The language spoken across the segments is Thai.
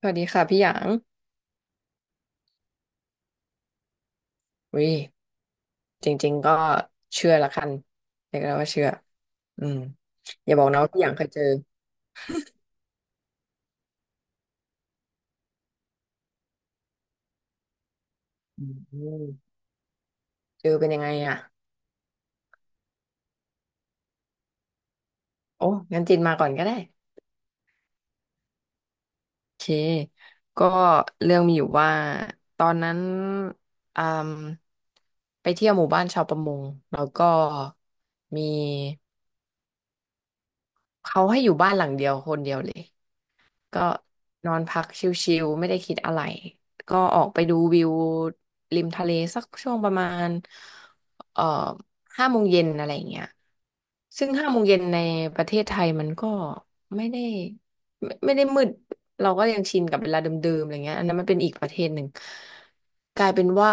สวัสดีค่ะพี่หยาง วิจริงๆก็เชื่อละกันเรียกได้ว่าเชื่ออืมอย่าบอกนะว่าพี่หยางเคยเจออืมเจอเป็นยังไงอ่ะโอ้งั้นจินมาก่อนก็ได้ โอเค ก็เรื่องมีอยู่ว่าตอนนั้นอืมไปเที่ยวหมู่บ้านชาวประมงแล้วก็มีเขาให้อยู่บ้านหลังเดียวคนเดียวเลย ก็นอนพักชิลๆไม่ได้คิดอะไรก็ออกไปดูวิวริมทะเลสักช่วงประมาณเอ่อห้าโมงเย็นอะไรอย่างเงี้ยซึ่งห้าโมงเย็นในประเทศไทยมันก็ไม่ได้ไม่ได้มืดเราก็ยังชินกับเวลาเดิมๆอะไรเงี้ยอันนั้นมันเป็นอีกประเทศหนึ่งกลายเป็นว่า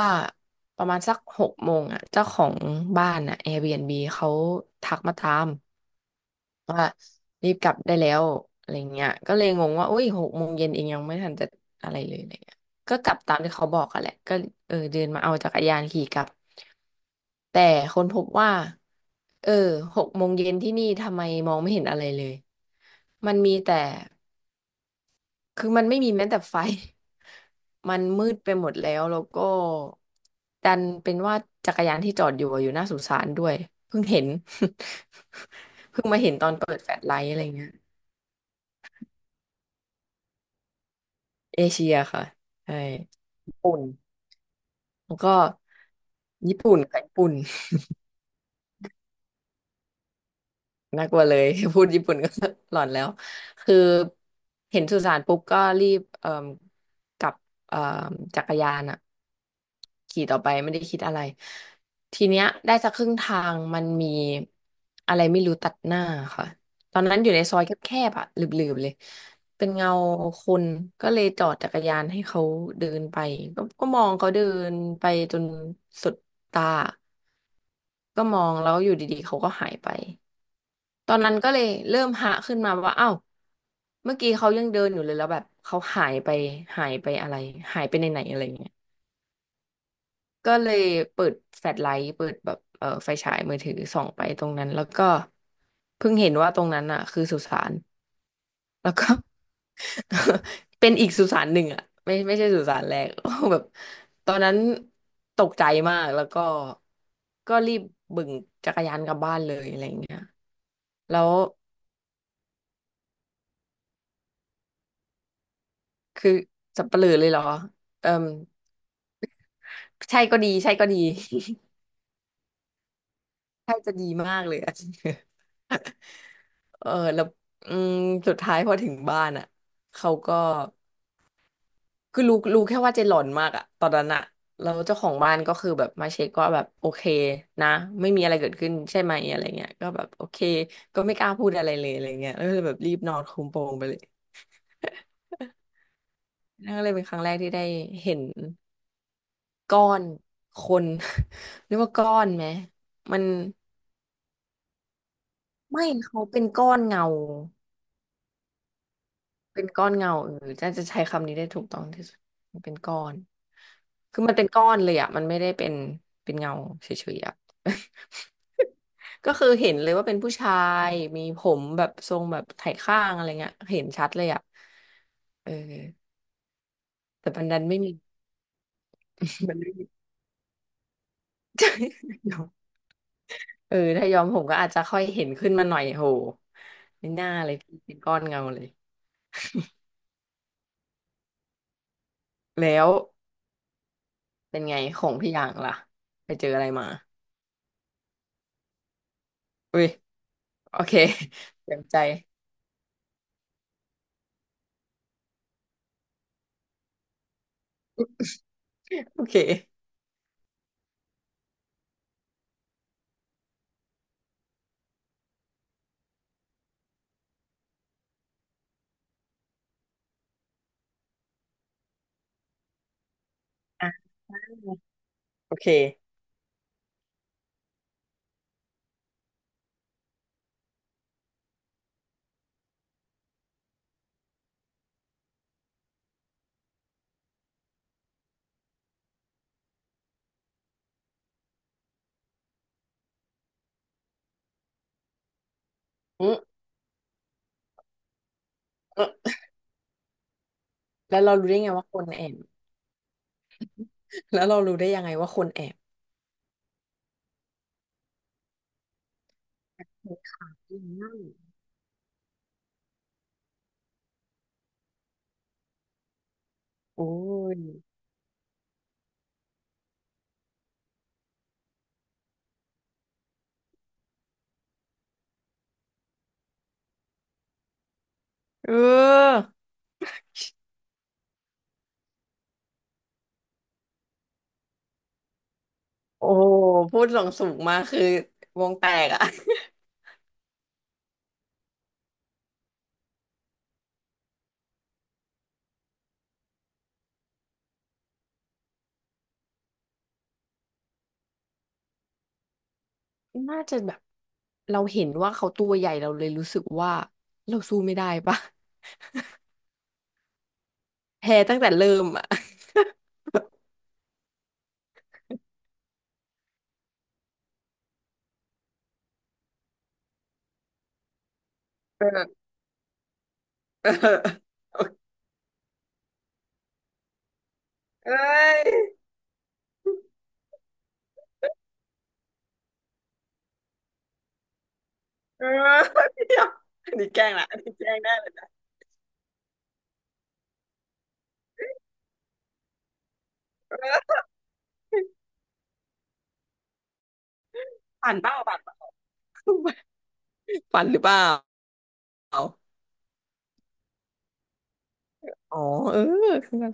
ประมาณสักหกโมงอ่ะเจ้าของบ้านอ่ะ Airbnb เขาทักมาตาม ว่ารีบกลับได้แล้วอะไรเงี้ยก็เลยงงว่าอุ้ยหกโมงเย็นเองยังไม่ทันจะอะไรเลยอะไรเงี้ยก็กลับตามที่เขาบอกอะแหละก็เออเดินมาเอาจักรยานขี่กลับแต่คนพบว่าเออหกโมงเย็นที่นี่ทำไมมองไม่เห็นอะไรเลยมันมีแต่คือมันไม่มีแม้แต่ไฟ มันมืดไปหมดแล้วแล้วก็ดันเป็นว่าจักรยานที่จอดอยู่อะอยู่หน้าสุสานด้วยเพิ่งเห็น เพิ่งมาเห็นตอนเปิดแฟลชไลท์อะไรเงี้ย เอเชียค่ะใช่ญี่ปุ่นแล้วก็ญี่ปุ่นค่ะญี่ปุ่น น่ากลัวเลย พูดญี่ปุ่นก็ หลอนแล้วคือเห็นสุสานปุ๊บก็รีบเอ่มกับเอ่มจักรยานอะขี่ต่อไปไม่ได้คิดอะไรทีเนี้ยได้สักครึ่งทางมันมีอะไรไม่รู้ตัดหน้าค่ะตอนนั้นอยู่ในซอยแคบๆอะหลืบๆเลยเป็นเงาคนก็เลยจอดจักรยานให้เขาเดินไปก็มองเขาเดินไปจนสุดตาก็มองแล้วอยู่ดีๆเขาก็หายไป ตอนนั้นก็เลยเริ่มหะขึ้นมาว่าอ้าวเมื่อกี้เขายังเดินอยู่เลยแล้วแบบเขาหายไปหายไปอะไรหายไปในไหนอะไรเงี้ยก็เลยเปิดแฟลชไลท์เปิดแบบเออไฟฉายมือถือส่องไปตรงนั้นแล้วก็เพิ่งเห็นว่าตรงนั้นอ่ะคือสุสานแล้วก็ เป็นอีกสุสานหนึ่งอ่ะไม่ใช่สุสานแรก แบบตอนนั้นตกใจมากแล้วก็ก็รีบบึ่งจักรยานกลับบ้านเลยอะไรเงี้ยแล้วคือสับเปลือเลยเหรอเออ ใช่ก็ดีใช่ก็ดี ใช่จะดีมากเลย อะเออแล้วอืมสุดท้ายพอถึงบ้านอ่ะเขาก็คือรู้แค่ว่าเจหลอนมากอ่ะตอนนั้นอ่ะแล้วเจ้าของบ้านก็คือแบบมาเช็คว่าแบบโอเคนะไม่มีอะไรเกิดขึ้นใช่ไหมอะไรเงี้ยก็แบบโอเคก็ไม่กล้าพูดอะไรเลยอะไรเงี้ยแล้วก็เลยแบบรีบนอนคุมโปงไปเลยนั่นก็เลยเป็นครั้งแรกที่ได้เห็นก้อนคน เรียกว่าก้อนไหมมันไม่เขาเป็นก้อนเงา เป็นก้อนเงาเออน่าจะใช้คำนี้ได้ถูกต้องที่สุดมันเป็นก้อนคือมันเป็นก้อนเลยอ่ะมันไม่ได้เป็นเงาเฉยๆอ่ะ ก็คือเห็นเลยว่าเป็นผู้ชายมีผมแบบทรงแบบไถข้างอะไรเงี้ยเห็นชัดเลยอ่ะเออแต่มันดันไม่มี มันไม่มี ยอมเออถ้ายอมผมก็อาจจะค่อยเห็นขึ้นมาหน่อยโหไม่น่าเลยพี่เป็นก้อนเงาเลยแล้วเป็นไงของพี่อย่างล่ะไปเจออะไรมาอุ้ย โอเค เต็มใจโอเคอ่ะโอเคอืมอืมแล้วเรารู้ได้ไงว่าคนแอบแล้วเรารู้ได้ยังไงว่าคนแอบค่ะอืมนั่นโอ้ยเออโอ้พูดหลงสูงมากคือวงแตกอะ น่าจะแบบเราเห็นว่าเขาตัวใหญ่เราเลยรู้สึกว่าเราสู้ไม่ได้ปะแพ้ตั้งแต่เริ่มอะเออเออเอ้ยเออ เดี๋ยวอันนี้แกล้งละอันนี้แกล้งได้เลยนะผ่านเป้าผ่านเป้า ฝันหรือเปล่า อ๋อเออคือแบบ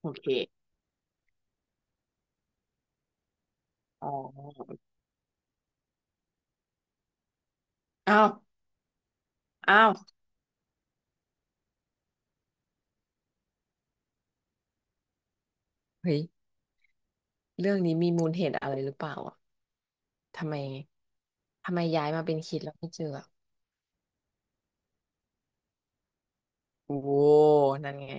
โอเค อ๋ออ้าวอ้าวเฮ้ย เรื่องนี้มีมูลเหตุอะไรหรือเปล่าอ่ะทำไม ทำไมย้ายมาเป็นคิดแล้วไม่เจออะโอ้นั่นไง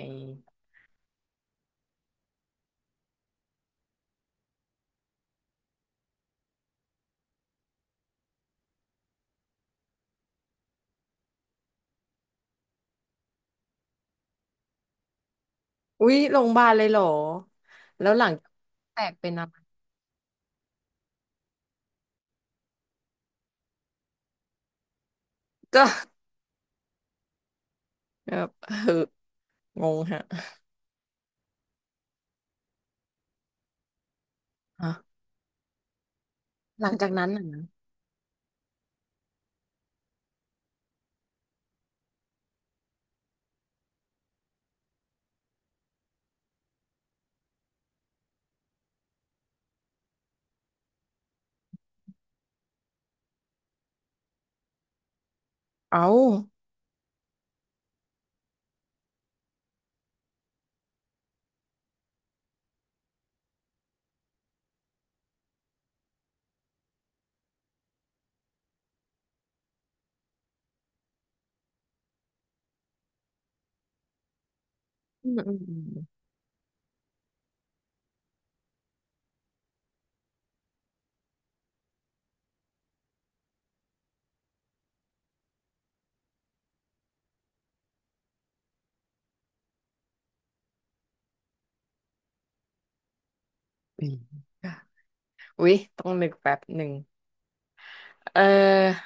อุ๊ยโรงพยาบาลเลยเหรอ แล้วหลังจากแตกเป็นอะไรก็แบบเอองงฮะอ่ะหลังจากนั้นน่ะนะเอ้าอืมอืมอืมอืมอุ๊ย ต้องนึกแป๊บหนึ่ง เออ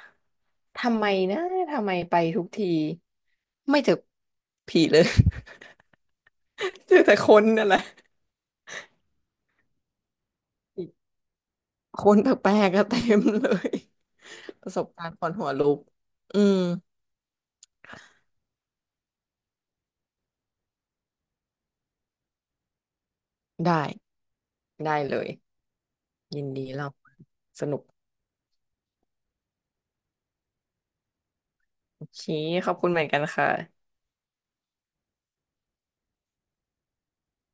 ทำไมนะทำไมไปทุกทีไม่เจอผีเลย เจอแต่คนนั่นแหละคนแปลกๆก็เต็มเลยประสบการณ์คนหัวลุกอืมได้ได้เลยยินดีเราสนุกโอเคขอบคุณเหมือนกันค่ะ